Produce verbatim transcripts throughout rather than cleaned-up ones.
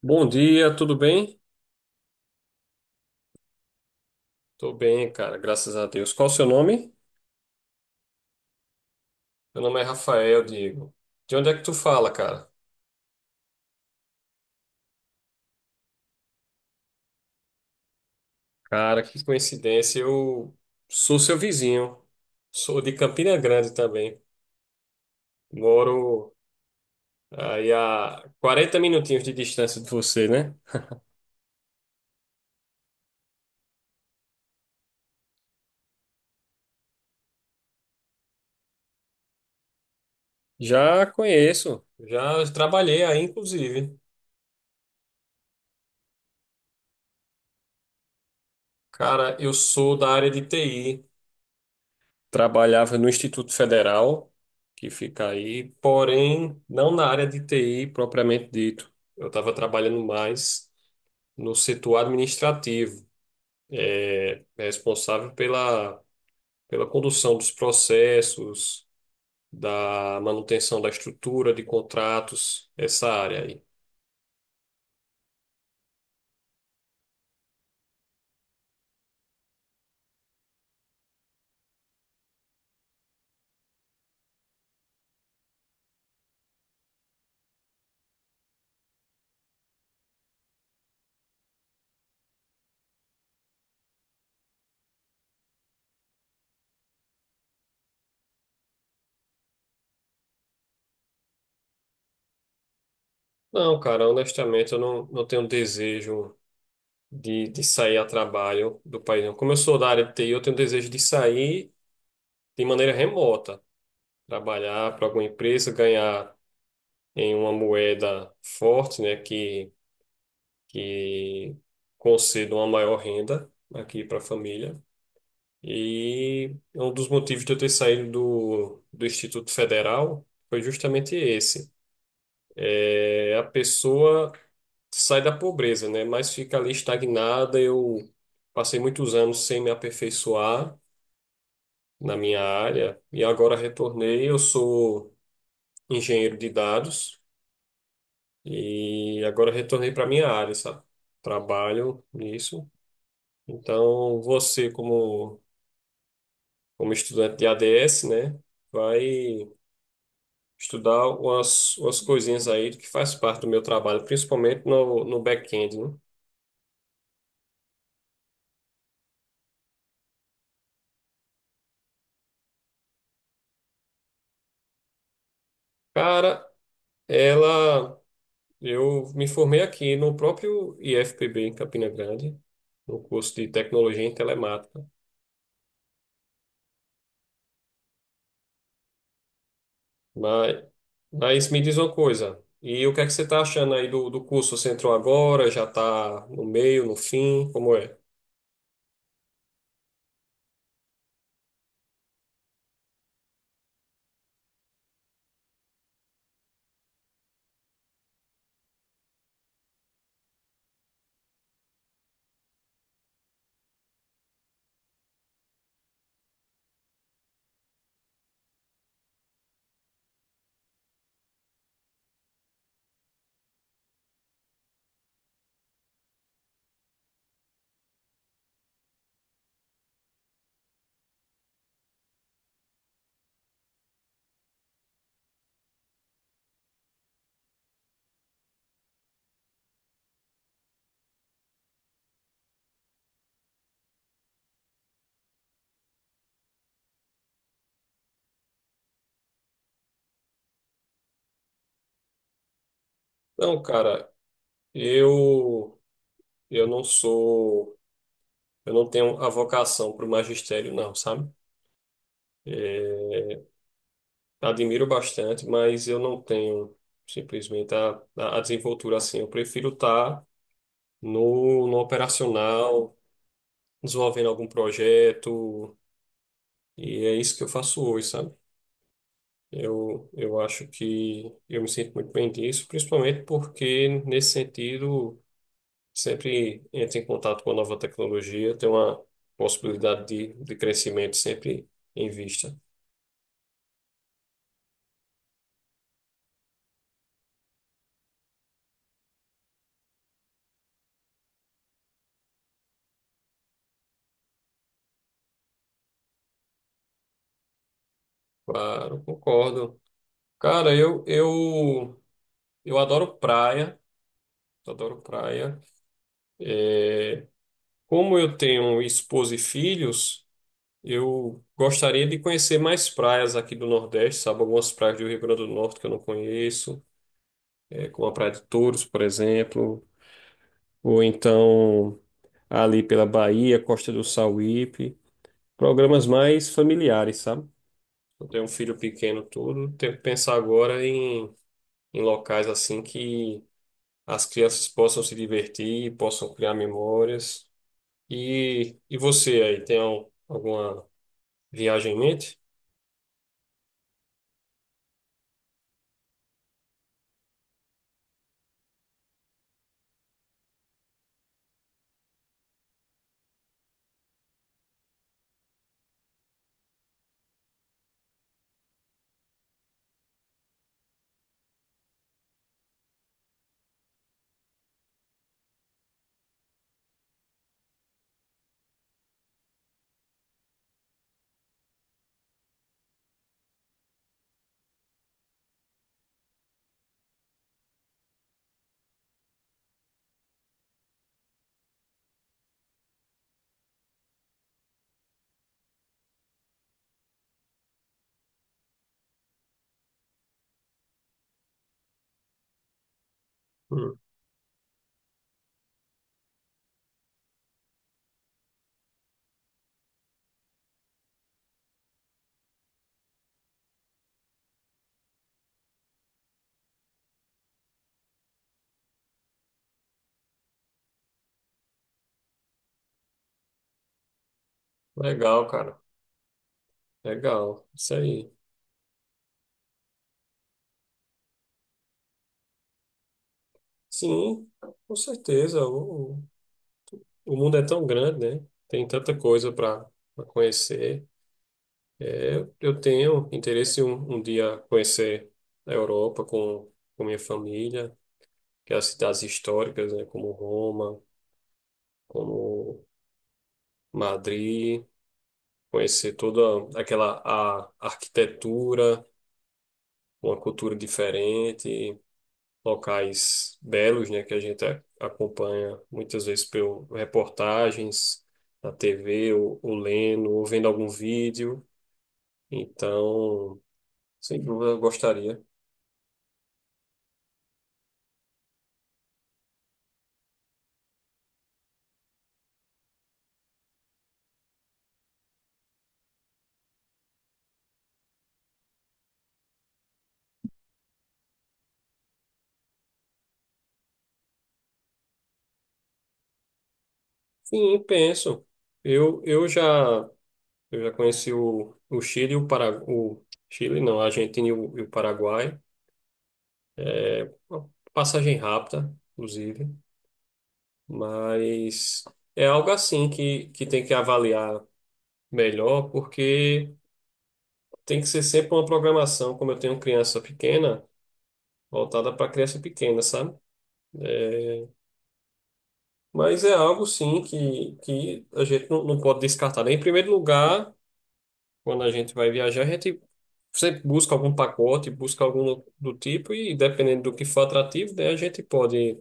Bom dia, tudo bem? Tô bem, cara, graças a Deus. Qual o seu nome? Meu nome é Rafael, Diego. De onde é que tu fala, cara? Cara, que coincidência, eu sou seu vizinho. Sou de Campina Grande também. Moro aí a quarenta minutinhos de distância de você, né? Já conheço, já trabalhei aí, inclusive. Cara, eu sou da área de T I. Trabalhava no Instituto Federal, que fica aí, porém não na área de T I propriamente dito. Eu estava trabalhando mais no setor administrativo, responsável pela, pela condução dos processos, da manutenção da estrutura de contratos, essa área aí. Não, cara, honestamente, eu não, não tenho desejo de, de sair a trabalho do país. Não. Como eu sou da área de T I, eu tenho desejo de sair de maneira remota. Trabalhar para alguma empresa, ganhar em uma moeda forte, né, que, que conceda uma maior renda aqui para a família. E um dos motivos de eu ter saído do, do Instituto Federal foi justamente esse. É, a pessoa sai da pobreza, né, mas fica ali estagnada. Eu passei muitos anos sem me aperfeiçoar na minha área e agora retornei. Eu sou engenheiro de dados. E agora eu retornei para minha área, sabe? Trabalho nisso. Então, você, como, como estudante de A D S, né, vai estudar umas, umas coisinhas aí que faz parte do meu trabalho, principalmente no, no back-end, né? Cara, ela. Eu me formei aqui no próprio I F P B, em Campina Grande, no curso de Tecnologia em Telemática. Mas, mas me diz uma coisa. E o que é que você está achando aí do, do curso? Você entrou agora, já está no meio, no fim? Como é? Não, cara, eu eu não sou, eu não tenho a vocação para o magistério, não, sabe? É, admiro bastante, mas eu não tenho simplesmente a, a desenvoltura assim. Eu prefiro estar no, no operacional, desenvolvendo algum projeto, e é isso que eu faço hoje, sabe? Eu, eu acho que eu me sinto muito bem disso, principalmente porque, nesse sentido, sempre entra em contato com a nova tecnologia, tem uma possibilidade de, de crescimento sempre em vista. Claro, concordo. Cara, eu, eu, eu adoro praia, adoro praia. É, como eu tenho esposa e filhos, eu gostaria de conhecer mais praias aqui do Nordeste, sabe? Algumas praias do Rio Grande do Norte que eu não conheço, é, como a Praia de Touros, por exemplo, ou então ali pela Bahia, Costa do Sauípe, programas mais familiares, sabe? Eu tenho um filho pequeno todo, tenho que pensar agora em, em locais assim que as crianças possam se divertir, possam criar memórias. E, e você aí, tem al- alguma viagem em mente? Hum, legal, cara. Legal. Isso aí. Sim, com certeza. O- O mundo é tão grande, né? Tem tanta coisa para conhecer. Eu, eu tenho interesse em um, um dia conhecer a Europa com, com minha família, que é as cidades históricas, né? Como Roma, como Madrid, conhecer toda aquela a arquitetura, uma cultura diferente, locais belos, né? Que a gente a- acompanha muitas vezes por reportagens na T V, ou, ou lendo, ou vendo algum vídeo. Então, sem dúvida, eu gostaria. Sim, penso. Eu, eu já, eu já conheci o, o Chile, e o Para, o Chile, não, a Argentina e o, e o Paraguai. Uma passagem rápida, inclusive. Mas é algo assim que, que tem que avaliar melhor, porque tem que ser sempre uma programação, como eu tenho criança pequena, voltada para criança pequena, sabe? Mas é algo, sim, que, que a gente não, não pode descartar, né? Em primeiro lugar. Quando a gente vai viajar, a gente sempre busca algum pacote, busca algum do tipo, e dependendo do que for atrativo, daí a gente pode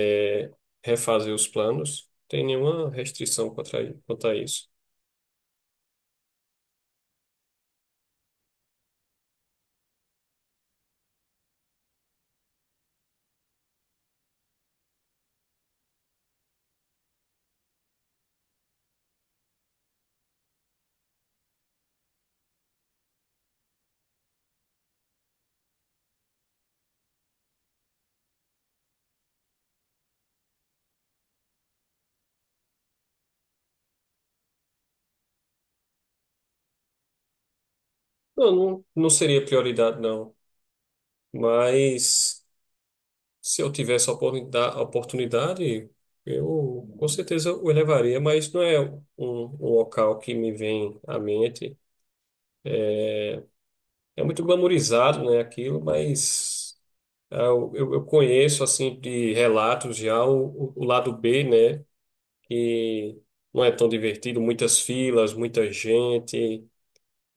é, refazer os planos. Tem nenhuma restrição contra i- quanto a isso. Não, não, não seria prioridade, não. Mas se eu tivesse a oportunidade, oportunidade, eu com certeza o elevaria, mas não é um, um local que me vem à mente. É muito glamourizado, né, aquilo, mas. Ah, Eu, eu eu conheço, assim, de relatos já o, o lado B, né? Que não é tão divertido, muitas filas, muita gente.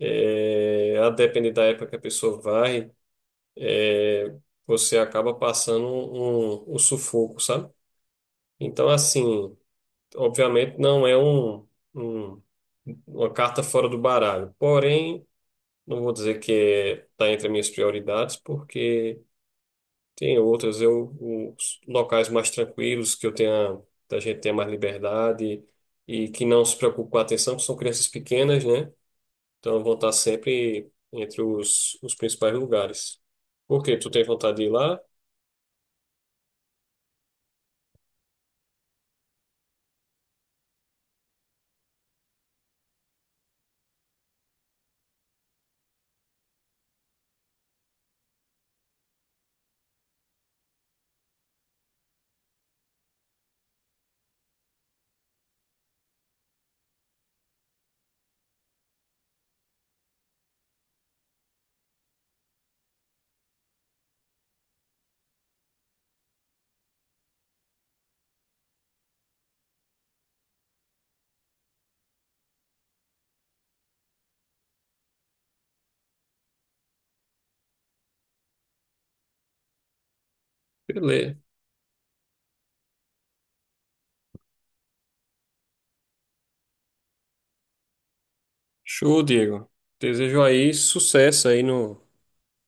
É, a depender da época que a pessoa vai, é, você acaba passando um, um sufoco, sabe? Então, assim, obviamente não é um, um- uma carta fora do baralho. Porém, não vou dizer que está entre as minhas prioridades, porque tem outras, eu, os locais mais tranquilos, que eu tenha, da gente tenha mais liberdade e que não se preocupe com a atenção, que são crianças pequenas, né? Então vão estar sempre entre os, os principais lugares. Por quê? Tu tem vontade de ir lá? Beleza. Show, Diego. Desejo aí sucesso aí no,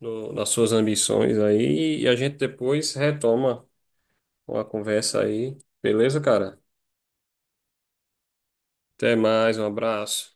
no- nas suas ambições aí e a gente depois retoma a conversa aí. Beleza, cara? Até mais, um abraço.